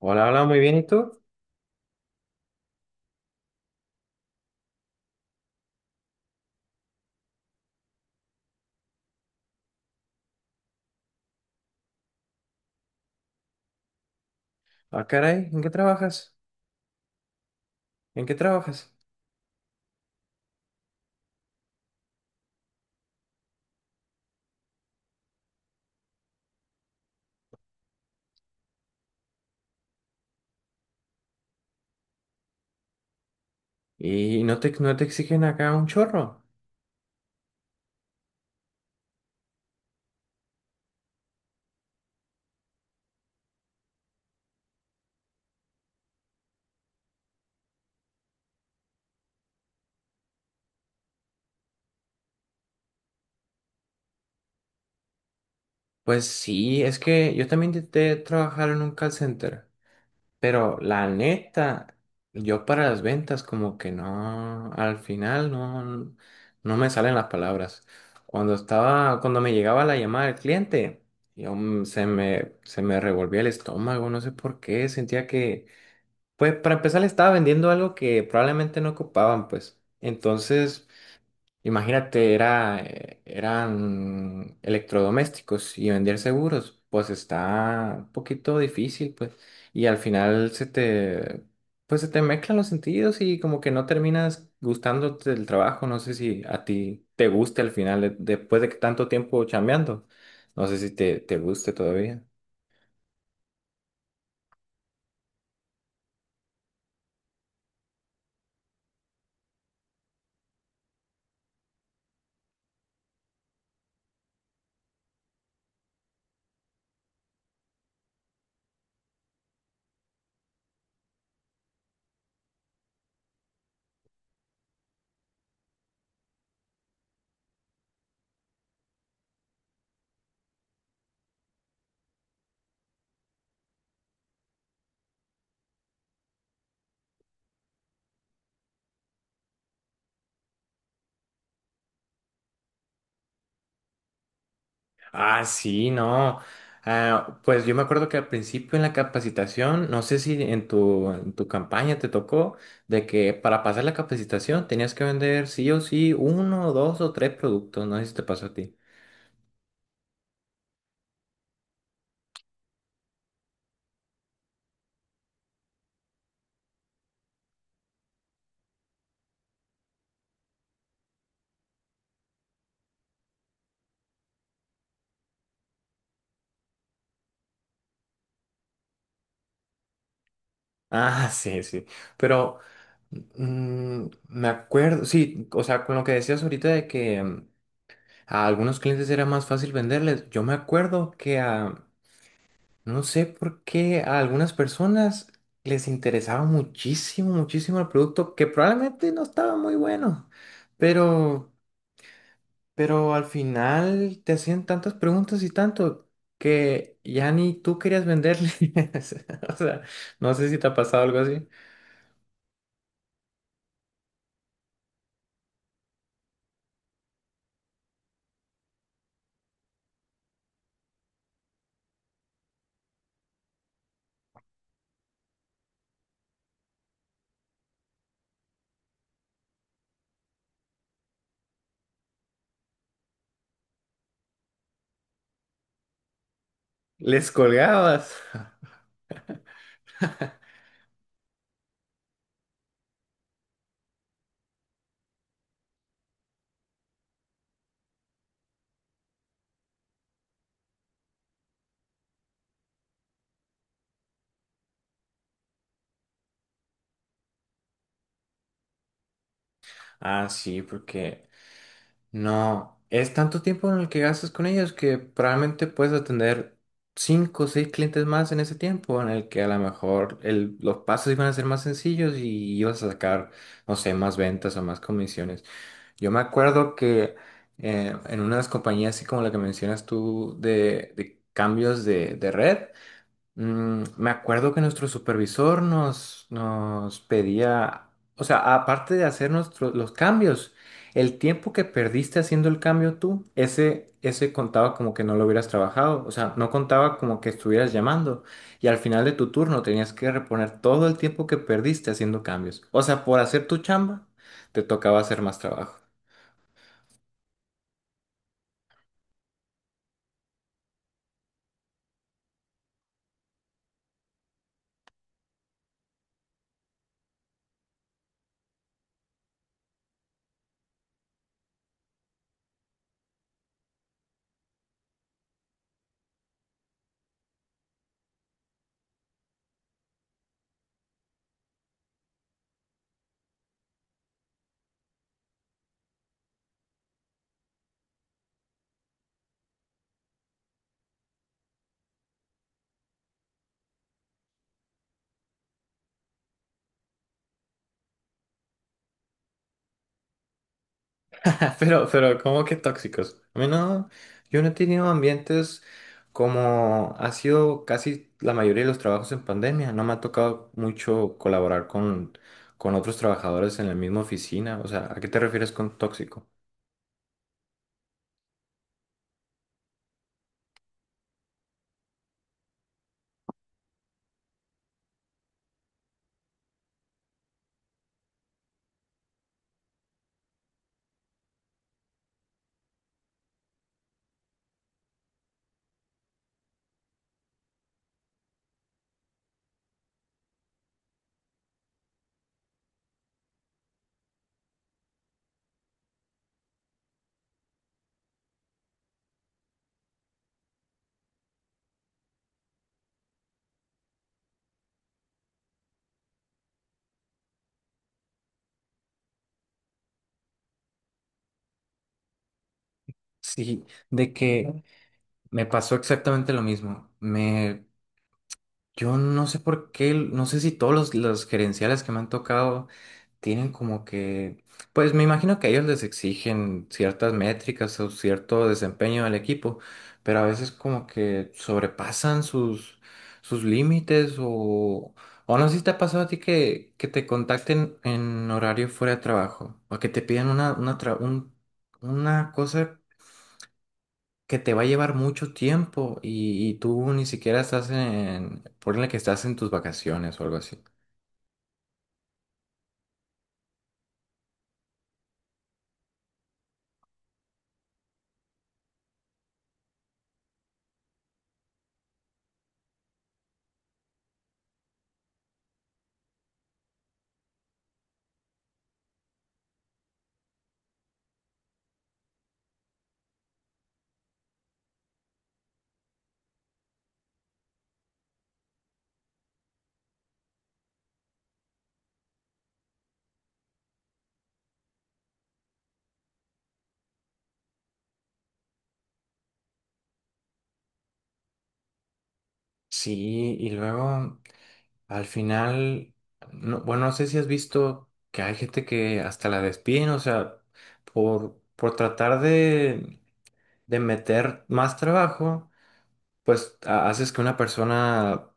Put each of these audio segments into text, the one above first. Hola, hola, muy bien, ¿y tú? Ah, caray, ¿en qué trabajas? ¿En qué trabajas? ¿Y no te exigen acá un chorro? Pues sí, es que yo también intenté trabajar en un call center, pero la neta, yo para las ventas como que no, al final no, no me salen las palabras. Cuando me llegaba la llamada del cliente, yo, se me revolvía el estómago, no sé por qué, sentía que pues para empezar le estaba vendiendo algo que probablemente no ocupaban, pues. Entonces, imagínate, era, eran electrodomésticos y vender seguros, pues está un poquito difícil, pues. Y al final se te, pues se te mezclan los sentidos y como que no terminas gustándote del trabajo. No sé si a ti te guste al final, de- después de que tanto tiempo chambeando. No sé si te guste todavía. Ah, sí, no. Ah, pues yo me acuerdo que al principio en la capacitación, no sé si en tu campaña te tocó, de que para pasar la capacitación tenías que vender sí o sí uno, dos o tres productos, no sé si te pasó a ti. Ah, sí, sí. Pero me acuerdo, sí, o sea, con lo que decías ahorita de que a algunos clientes era más fácil venderles, yo me acuerdo que a... No sé por qué a algunas personas les interesaba muchísimo, muchísimo el producto, que probablemente no estaba muy bueno, pero, pero al final te hacían tantas preguntas y tanto que ya ni tú querías venderles. O sea, no sé si te ha pasado algo así. Les colgabas. Ah, sí, porque no, es tanto tiempo en el que gastas con ellos que probablemente puedes atender cinco o seis clientes más en ese tiempo, en el que a lo mejor el- los pasos iban a ser más sencillos y ibas a sacar, no sé, más ventas o más comisiones. Yo me acuerdo que en unas compañías así como la que mencionas tú de cambios de red, me acuerdo que nuestro supervisor nos pedía, o sea, aparte de hacer nuestros los cambios, el tiempo que perdiste haciendo el cambio tú, ese contaba como que no lo hubieras trabajado, o sea, no contaba como que estuvieras llamando y al final de tu turno tenías que reponer todo el tiempo que perdiste haciendo cambios. O sea, por hacer tu chamba, te tocaba hacer más trabajo. ¿Cómo que tóxicos? A mí no, yo no he tenido ambientes como ha sido casi la mayoría de los trabajos en pandemia. No me ha tocado mucho colaborar con otros trabajadores en la misma oficina. O sea, ¿a qué te refieres con tóxico? Sí, de que me pasó exactamente lo mismo. Me, yo no sé por qué, no sé si todos los gerenciales que me han tocado tienen como que, pues me imagino que ellos les exigen ciertas métricas o cierto desempeño del equipo, pero a veces como que sobrepasan sus, sus límites o no sé si te ha pasado a ti que te contacten en horario fuera de trabajo o que te pidan tra- un- una cosa que te va a llevar mucho tiempo y tú ni siquiera estás en, ponle que estás en tus vacaciones o algo así. Sí, y luego... Al final, no- bueno, no sé si has visto que hay gente que hasta la despiden, o sea, por tratar de meter más trabajo, pues ha- haces que una persona,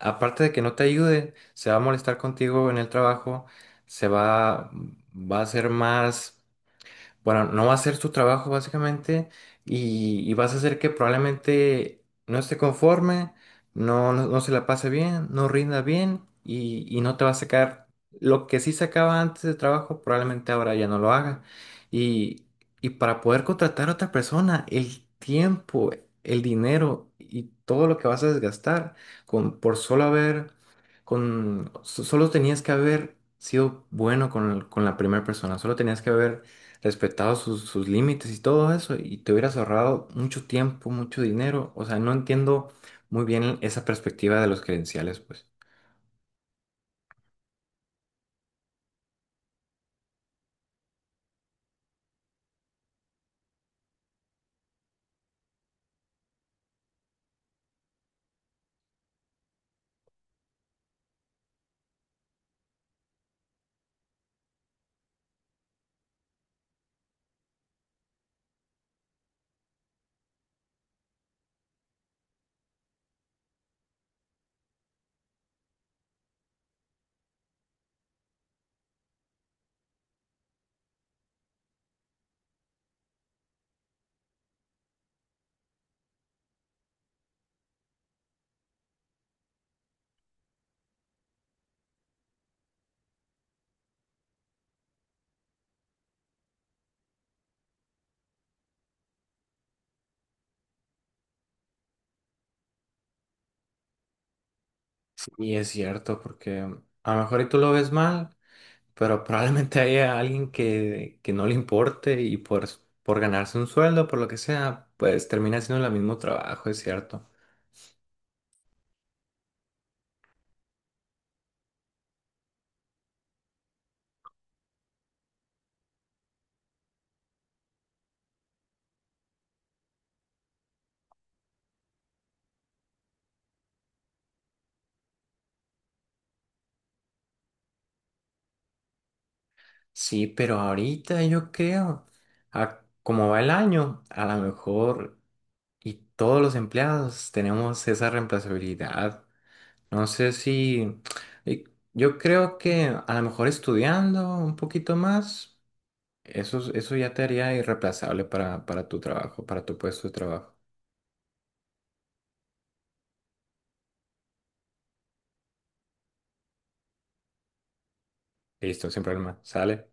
aparte de que no te ayude, se va a molestar contigo en el trabajo, se va, va a ser más bueno, no va a hacer su trabajo básicamente y vas a hacer que probablemente no esté conforme, no, no, no se la pase bien, no rinda bien y no te va a sacar lo que sí sacaba antes de trabajo, probablemente ahora ya no lo haga. Y, y para poder contratar a otra persona, el tiempo, el dinero y todo lo que vas a desgastar con, por solo haber, con, so- solo tenías que haber sido bueno con, el- con la primera persona, solo tenías que haber respetado sus, sus límites y todo eso, y te hubieras ahorrado mucho tiempo, mucho dinero. O sea, no entiendo muy bien esa perspectiva de los credenciales, pues. Y es cierto, porque a lo mejor y tú lo ves mal, pero probablemente haya alguien que no le importe y por ganarse un sueldo, por lo que sea, pues termina haciendo el mismo trabajo, es cierto. Sí, pero ahorita yo creo, a, como va el año, a lo mejor y todos los empleados tenemos esa reemplazabilidad. No sé si... y yo creo que a lo mejor estudiando un poquito más, eso ya te haría irreemplazable para tu trabajo, para tu puesto de trabajo. Listo, sin problema. Sale.